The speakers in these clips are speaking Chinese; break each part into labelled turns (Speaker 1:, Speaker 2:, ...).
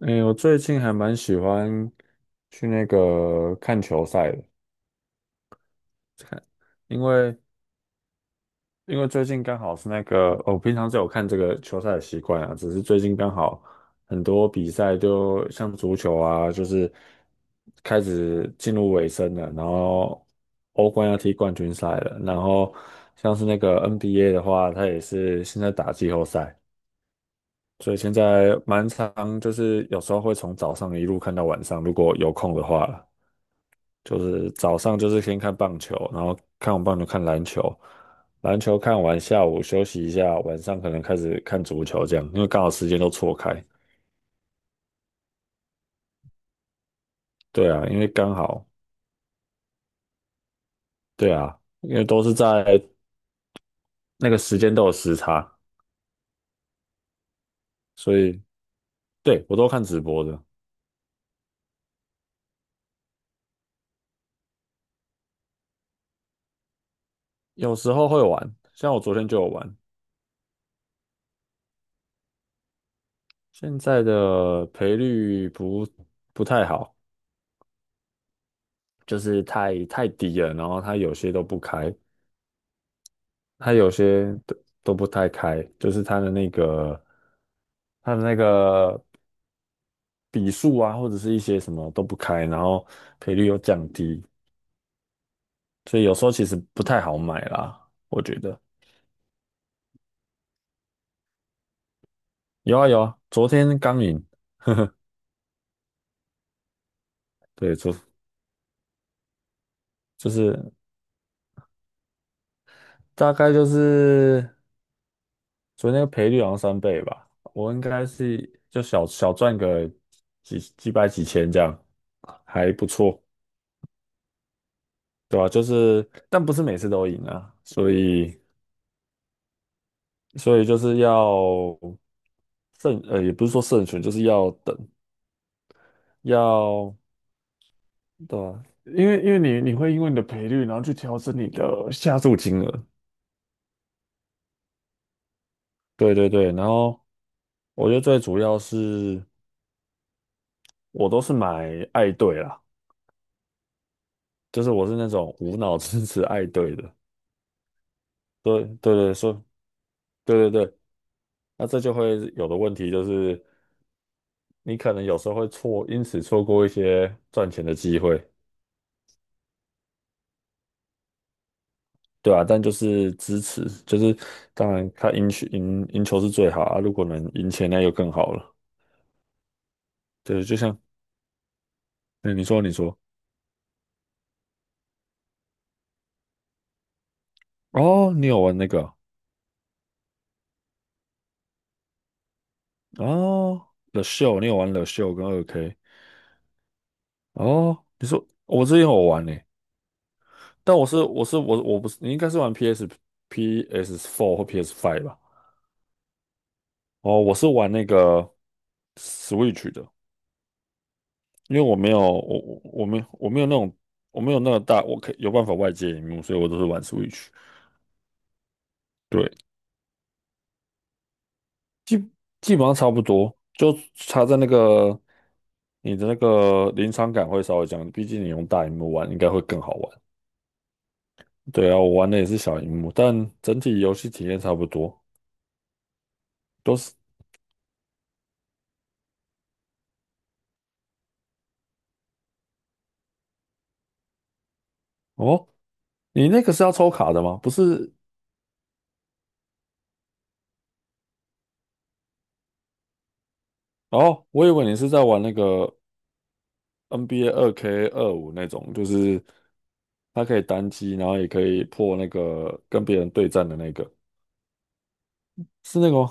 Speaker 1: 诶，我最近还蛮喜欢去那个看球赛的，因为最近刚好是那个，哦我平常就有看这个球赛的习惯啊，只是最近刚好很多比赛就像足球啊，就是开始进入尾声了，然后欧冠要踢冠军赛了，然后像是那个 NBA 的话，它也是现在打季后赛，所以现在蛮常就是有时候会从早上一路看到晚上，如果有空的话啦就是早上就是先看棒球，然后看完棒球看篮球，篮球看完下午休息一下，晚上可能开始看足球这样，因为刚好时间都错开。对啊，因为刚好，对啊，因为都是在那个时间都有时差，所以对我都看直播的。有时候会玩，像我昨天就有玩。现在的赔率不太好，就是太低了，然后它有些都不开，它有些都不太开，就是它的那个笔数啊，或者是一些什么都不开，然后赔率又降低，所以有时候其实不太好买啦，我觉得。有啊有啊，昨天刚赢。对，就是大概就是昨天赔率好像3倍吧，我应该是就小小赚个几百几千这样，还不错。对吧、就是但不是每次都赢啊，所以。所以就是要慎，也不是说慎选，就是要等，要对吧？因为你会因为你的赔率，然后去调整你的下注金额。对对对，然后我觉得最主要是我都是买爱队啦，就是我是那种无脑支持爱队的。对对对，说对对对，那这就会有的问题就是你可能有时候会错，因此错过一些赚钱的机会。对啊，但就是支持，就是当然他赢球是最好啊，如果能赢钱那就更好了。对，就像嗯，你说哦，你有玩那个哦，The Show，你有玩 The Show 跟二 K。 哦，你说我之前有玩呢、但我不是你应该是玩 PS Four 或 PS Five 吧？哦，我是玩那个 Switch 的，因为我没有我我我没有我没有那种我没有那个大我可以有办法外接荧幕，所以我都是玩 Switch。对，基本上差不多，就差在那个你的那个临场感会稍微降低，毕竟你用大荧幕玩应该会更好玩。对啊，我玩的也是小荧幕，但整体游戏体验差不多，都是哦。你那个是要抽卡的吗？不是哦，我以为你是在玩那个 NBA 2K25那种，就是它可以单机，然后也可以破那个跟别人对战的那个，是那个吗？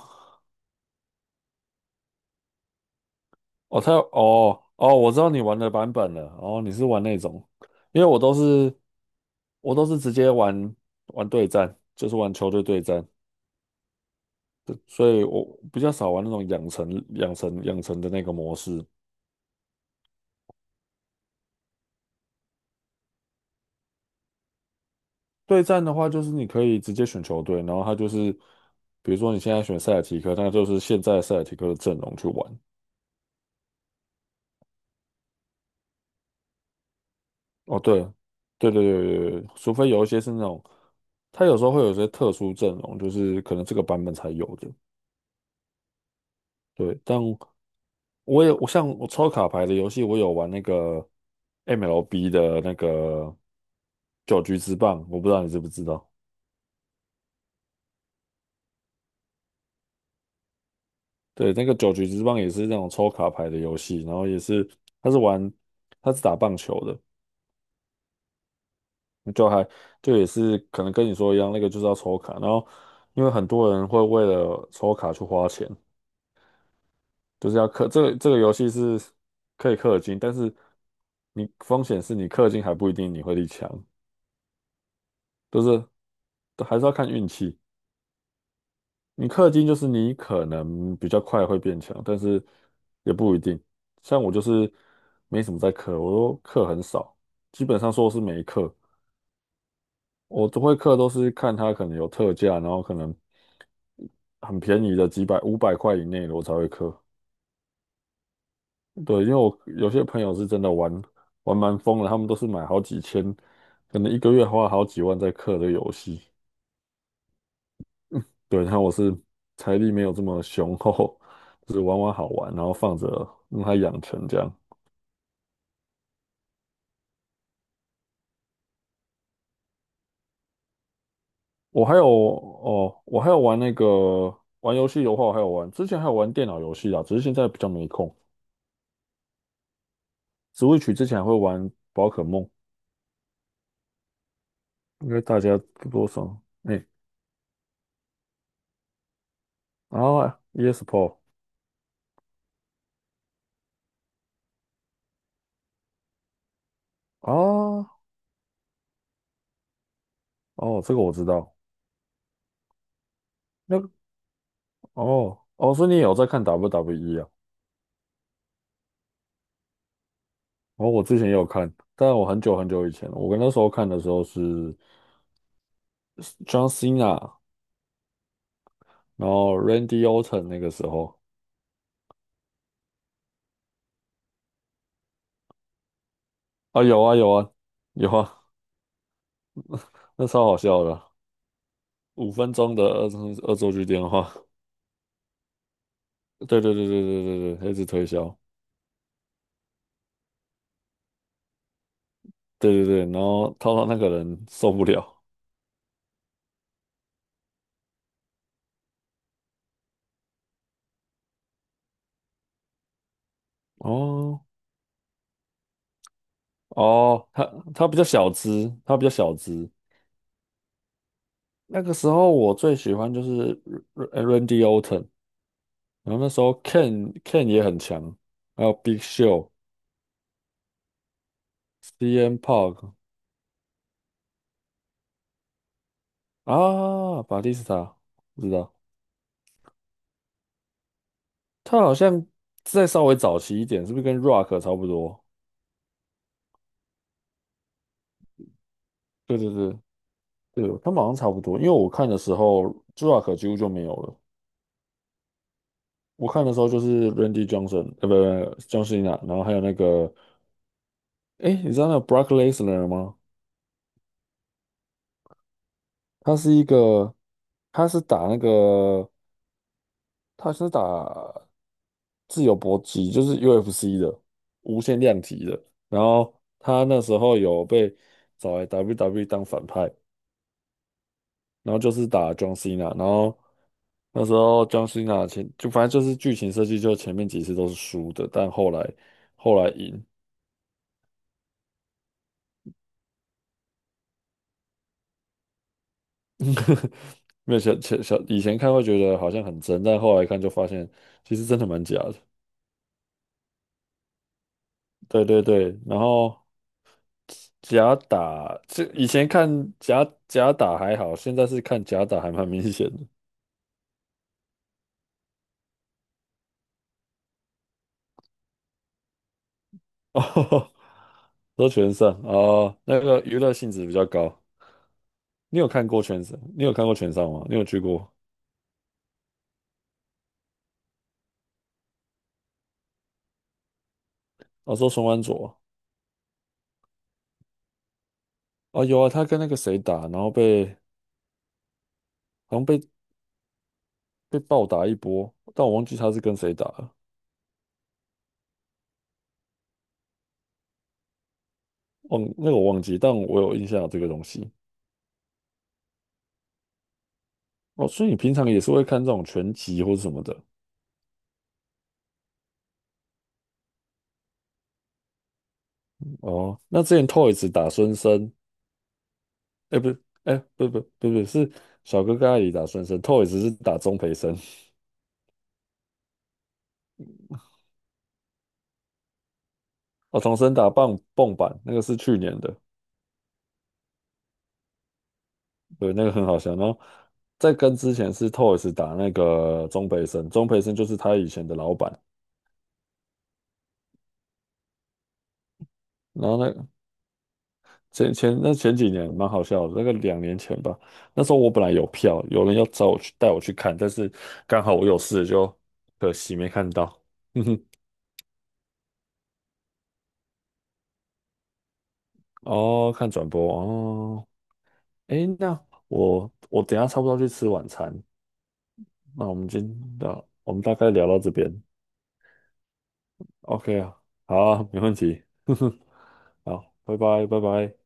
Speaker 1: 哦，他有哦哦，我知道你玩的版本了。哦，你是玩那种，因为我都是直接玩对战，就是玩球队对战。对，所以我比较少玩那种养成的那个模式。对战的话，就是你可以直接选球队，然后他就是，比如说你现在选塞尔提克，那就是现在塞尔提克的阵容去玩。哦，对，对对对对对，除非有一些是那种，他有时候会有一些特殊阵容，就是可能这个版本才有的。对，但我像我抽卡牌的游戏，我有玩那个 MLB 的那个九局之棒，我不知道你知不知道？对，那个九局之棒也是那种抽卡牌的游戏，然后也是他是玩他是打棒球的。就还就也是可能跟你说一样，那个就是要抽卡，然后因为很多人会为了抽卡去花钱，就是要氪这个游戏是可以氪金，但是你风险是你氪金还不一定你会力强，就是都还是要看运气。你氪金就是你可能比较快会变强，但是也不一定。像我就是没什么在氪，我都氪很少，基本上说是没氪。我都会氪都是看它可能有特价，然后可能很便宜的几百500块以内的我才会氪。对，因为我有些朋友是真的玩蛮疯了，他们都是买好几千，可能一个月花好几万在氪的游戏。对，然后我是财力没有这么雄厚，就是玩玩好玩，然后放着让它养成这样。我还有哦，我还有玩那个玩游戏的话，我还有玩，之前还有玩电脑游戏啊，只是现在比较没空。Switch 之前还会玩宝可梦，应该大家多多少哎，然后 ESPO 啊。哦，这个我知道，那个哦哦，所以你也有在看 WWE 啊？哦，我之前也有看，但我很久很久以前了，我跟那时候看的时候是 John Cena 然后 Randy Orton 那个时候啊，有啊有啊有啊，那超好笑的啊5分钟的恶作剧电话。对对对对对对对，他一直推销，对对对，然后套到那个人受不了。哦哦，他比较小资，他比较小资。那个时候我最喜欢就是 R- a n d y Orton，然后那时候 Ken 也很强，还有 Big Show、CM Punk 啊，巴蒂斯塔，不知道。他好像再稍微早期一点，是不是跟 Rock 差不多？对对对对，他们好像差不多。因为我看的时候，Rock 几乎就没有了。我看的时候就是 Randy Johnson，呃，不不，John Cena，然后还有那个，哎，你知道那个 Brock Lesnar 吗？他是一个，他是打那个，他是打自由搏击，就是 UFC 的无限量级的。然后他那时候有被找来 WWE 当反派。然后就是打 John Cena，然后那时候 John Cena 前就反正就是剧情设计，就前面几次都是输的，但后来赢。没有小前想以前看会觉得好像很真，但后来看就发现其实真的蛮假的。对对对，然后假打，这以前看假打还好，现在是看假打还蛮明显的。哦，都全上哦，那个娱乐性质比较高。你有看过全上？你有看过全上吗？你有去过？我说双安佐。哦，有啊，他跟那个谁打，然后被好像被暴打一波，但我忘记他是跟谁打了，忘那个我忘记，但我有印象有这个东西。哦，所以你平常也是会看这种拳击或是什么的哦？那之前 Toys 打孙生，哎、不，哎、不是小哥哥阿姨打孙生，Toys 是打钟培生。哦，童生打棒蹦板，那个是去年的。对，那个很好笑。然后之前是 Toys 打那个钟培生，钟培生就是他以前的老板。然后那。前前那前几年蛮好笑的，那个2年前吧，那时候我本来有票，有人要找我去带我去看，但是刚好我有事，就可惜没看到。哼哼，哦，看转播哦。诶，那我等一下差不多要去吃晚餐，那我们大概聊到这边，OK 啊，好啊没问题。哼哼，好，拜拜，拜拜。